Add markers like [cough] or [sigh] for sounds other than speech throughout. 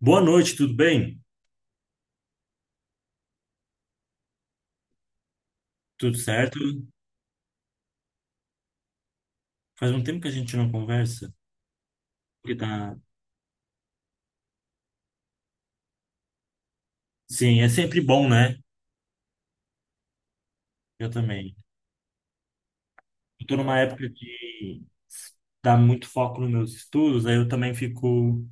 Boa noite, tudo bem? Tudo certo? Faz um tempo que a gente não conversa. Porque tá... Sim, é sempre bom, né? Eu também. Eu tô numa época que dá muito foco nos meus estudos, aí eu também fico...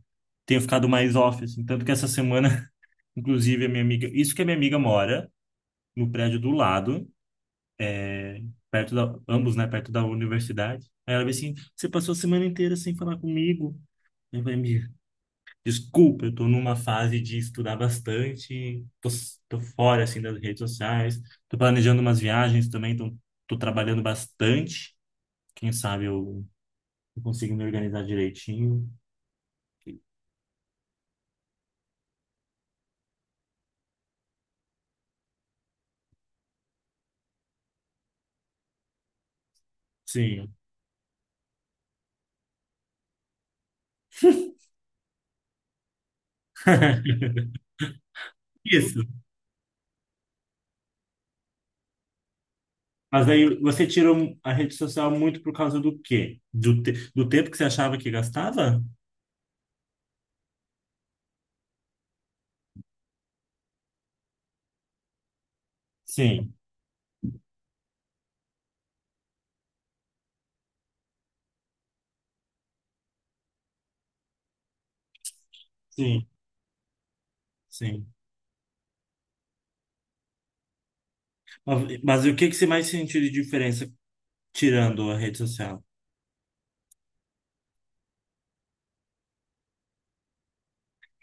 Tenho ficado mais off, assim. Tanto que essa semana, [laughs] inclusive, a minha amiga... Isso que a minha amiga mora no prédio do lado, perto da... Ambos, né? Perto da universidade. Aí ela veio assim, você passou a semana inteira sem falar comigo. Eu falei, "Amiga, desculpa, eu tô numa fase de estudar bastante, tô, tô fora, assim, das redes sociais, tô planejando umas viagens também, então tô trabalhando bastante. Quem sabe eu consigo me organizar direitinho. Sim. [laughs] Isso. Mas aí você tirou a rede social muito por causa do quê? Do do tempo que você achava que gastava? Sim, sim, sim. Mas o que que você mais sentiu de diferença tirando a rede social?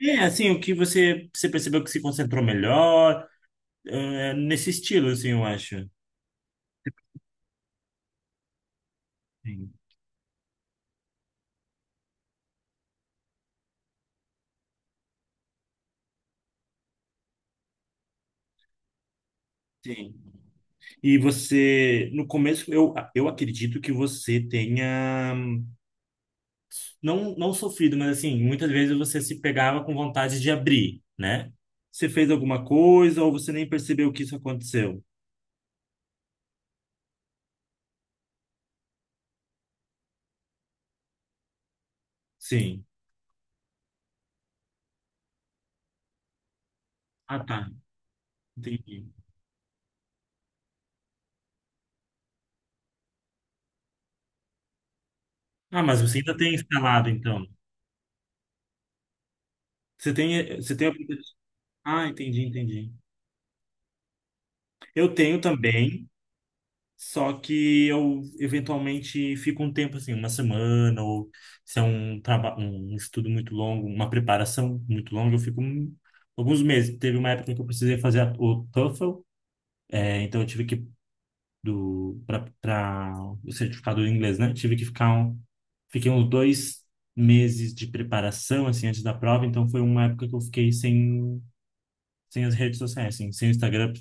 É, assim, o que você percebeu que se concentrou melhor? É, nesse estilo, assim, eu acho. Sim. Sim. E você, no começo, eu acredito que você tenha, não sofrido, mas assim, muitas vezes você se pegava com vontade de abrir, né? Você fez alguma coisa ou você nem percebeu que isso aconteceu? Sim. Ah, tá. Entendi. Ah, mas você ainda tem instalado, então. Você tem... aplicativo... Ah, entendi, entendi. Eu tenho também. Só que eu eventualmente fico um tempo assim, uma semana, ou se é um trabalho, um estudo muito longo, uma preparação muito longa, eu fico um... alguns meses. Teve uma época que eu precisei fazer o TOEFL, é, então eu tive que do para o certificado em inglês, né? Tive que ficar um, fiquei uns dois meses de preparação assim antes da prova, então foi uma época que eu fiquei sem as redes sociais, assim, sem o Instagram,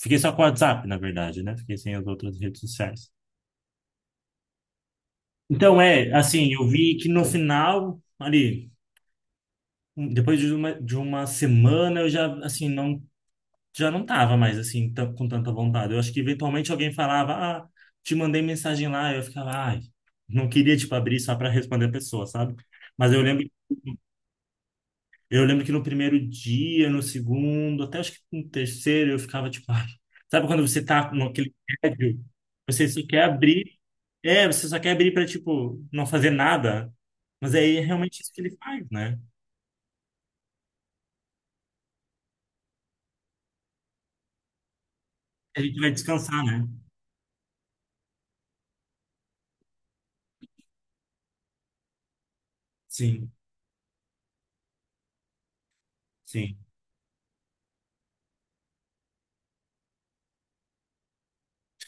fiquei só com o WhatsApp, na verdade, né? Fiquei sem as outras redes sociais. Então, é, assim, eu vi que no final, ali, um... depois de uma semana, eu já, assim, não, já não tava mais, assim, tan... com tanta vontade. Eu acho que eventualmente alguém falava, ah, te mandei mensagem lá, eu ficava, ai, não queria, tipo, abrir só para responder a pessoa, sabe? Mas eu lembro Eu lembro que no primeiro dia, no segundo, até acho que no terceiro, eu ficava tipo, ai. Sabe quando você tá naquele tédio, você só quer abrir, é, você só quer abrir para tipo não fazer nada. Mas aí é realmente isso que ele faz, né? A gente vai descansar, né? Sim, sim.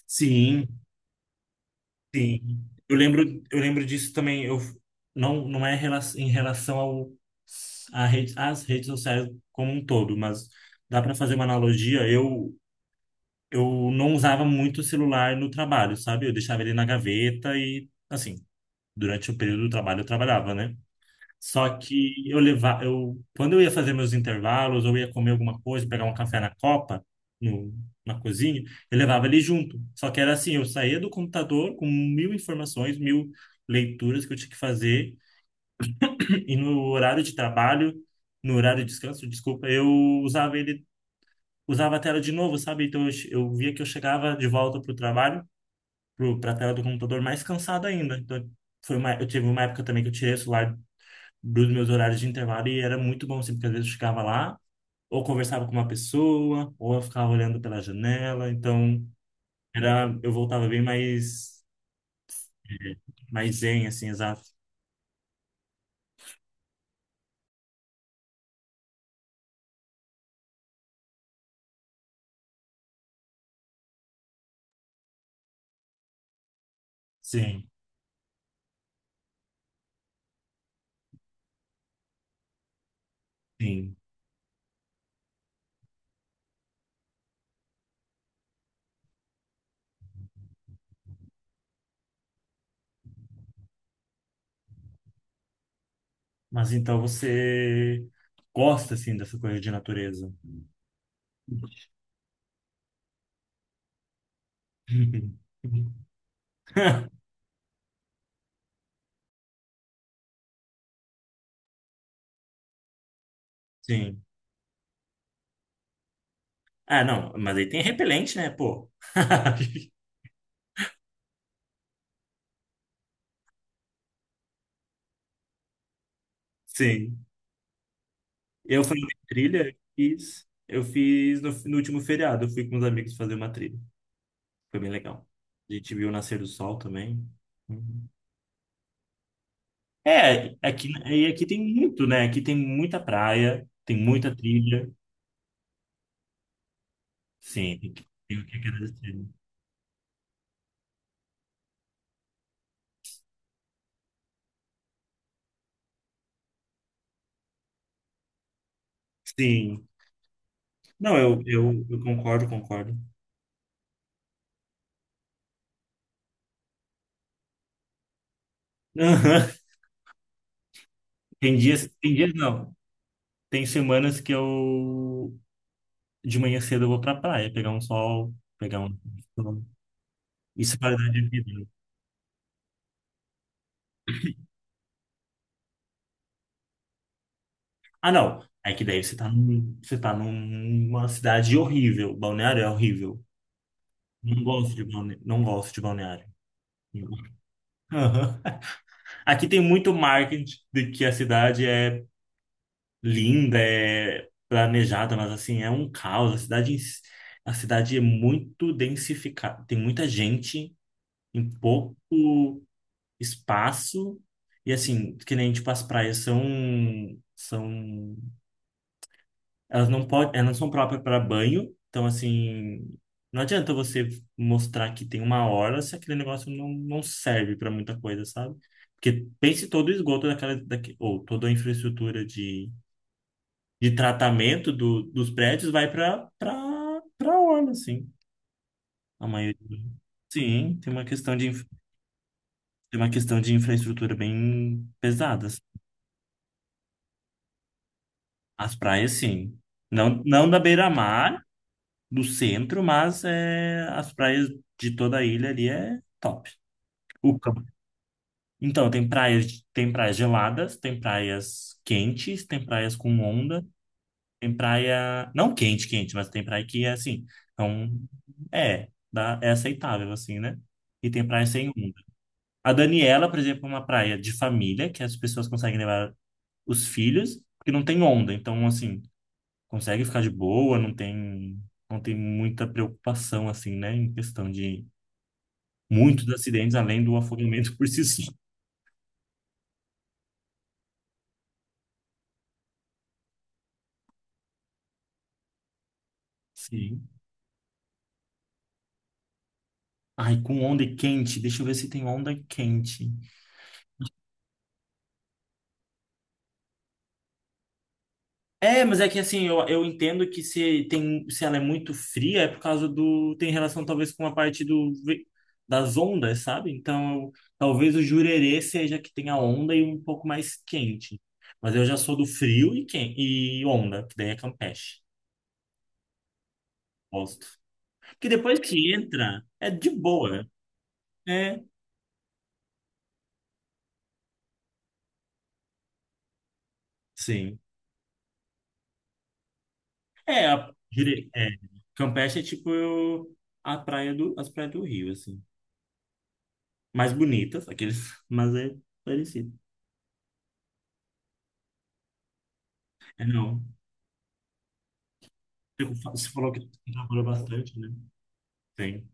Sim, sim. Eu lembro disso também. Eu não é rela... em relação ao a rede, às redes sociais como um todo, mas dá para fazer uma analogia. Eu não usava muito o celular no trabalho, sabe? Eu deixava ele na gaveta e, assim, durante o período do trabalho eu trabalhava, né? Só que eu levava, eu, quando eu ia fazer meus intervalos ou ia comer alguma coisa, pegar um café na copa, no, na cozinha, eu levava ele junto. Só que era assim, eu saía do computador com mil informações, mil leituras que eu tinha que fazer e no horário de trabalho, no horário de descanso, desculpa, eu usava ele, usava a tela de novo, sabe? Então eu eu via que eu chegava de volta pro trabalho para a tela do computador mais cansado ainda. Então, foi uma, eu tive uma época também que eu tirei o celular dos meus horários de intervalo e era muito bom, assim, porque às vezes eu ficava lá, ou conversava com uma pessoa, ou eu ficava olhando pela janela. Então, era, eu voltava bem mais, mais zen, assim, exato. Sim, sim. Mas então você gosta, assim, dessa coisa de natureza. [laughs] Sim. Ah, não, mas aí tem repelente, né, pô? [laughs] Sim. Eu falei de trilha, eu fiz no, no último feriado, eu fui com os amigos fazer uma trilha. Foi bem legal. A gente viu o nascer do sol também. Uhum. É, aqui, e aqui tem muito, né? Aqui tem muita praia, tem muita trilha. Sim, tem que... tem o que agradecer. Sim. Não, eu concordo, concordo. [laughs] Aham. Tem dias não. Tem semanas que eu de manhã cedo eu vou pra praia, pegar um sol, pegar um. Isso é qualidade de vida, né? Ah, não. É que daí você tá, num... você tá numa cidade horrível. Balneário é horrível. Não gosto de balneário. Não gosto de balneário. [laughs] Aham. Aqui tem muito marketing de que a cidade é linda, é planejada, mas assim, é um caos. A cidade, em si... a cidade é muito densificada. Tem muita gente em pouco espaço. E assim, que nem tipo, as praias são, são... elas não podem, elas não são próprias para banho, então assim, não adianta você mostrar que tem uma hora se aquele negócio não serve para muita coisa, sabe? Porque pense todo o esgoto daquela, daque... ou toda a infraestrutura de tratamento do, dos prédios vai para para para orla, assim. A maioria. Sim, tem uma questão de inf... tem uma questão de infraestrutura bem pesada, assim. As praias, sim. Não da beira-mar, do centro, mas é, as praias de toda a ilha ali é top. O campo. Então, tem praias, de... tem praias geladas, tem praias quentes, tem praias com onda, tem praia, não quente, quente, mas tem praia que é assim, então é, dá, é aceitável assim, né? E tem praia sem onda. A Daniela, por exemplo, é uma praia de família, que as pessoas conseguem levar os filhos, porque não tem onda, então assim, consegue ficar de boa, não tem muita preocupação assim, né, em questão de muitos acidentes além do afogamento por si só. Sim. Ai, com onda quente, deixa eu ver se tem onda quente. É, mas é que assim, eu entendo que se tem, se ela é muito fria é por causa do, tem relação talvez com a parte do ve... das ondas, sabe? Então, eu... talvez o jurerê seja que tem a onda e um pouco mais quente. Mas eu já sou do frio e quente, e onda, que daí é campeche. Gosto. Porque depois que entra, é de boa. É, sim. É, a, dire... é, Campeche é tipo eu... a praia do, as praias do Rio, assim. Mais bonitas, aqueles, [laughs] mas é parecido. É, não. Eu fa... você falou que trabalhou bastante, né? Sim.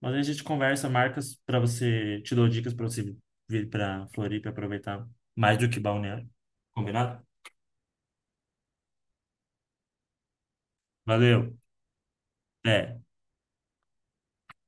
Mas a gente conversa, marcas para você, te dou dicas para você vir para Floripa e aproveitar mais do que Balneário. Combinado? Valeu. É.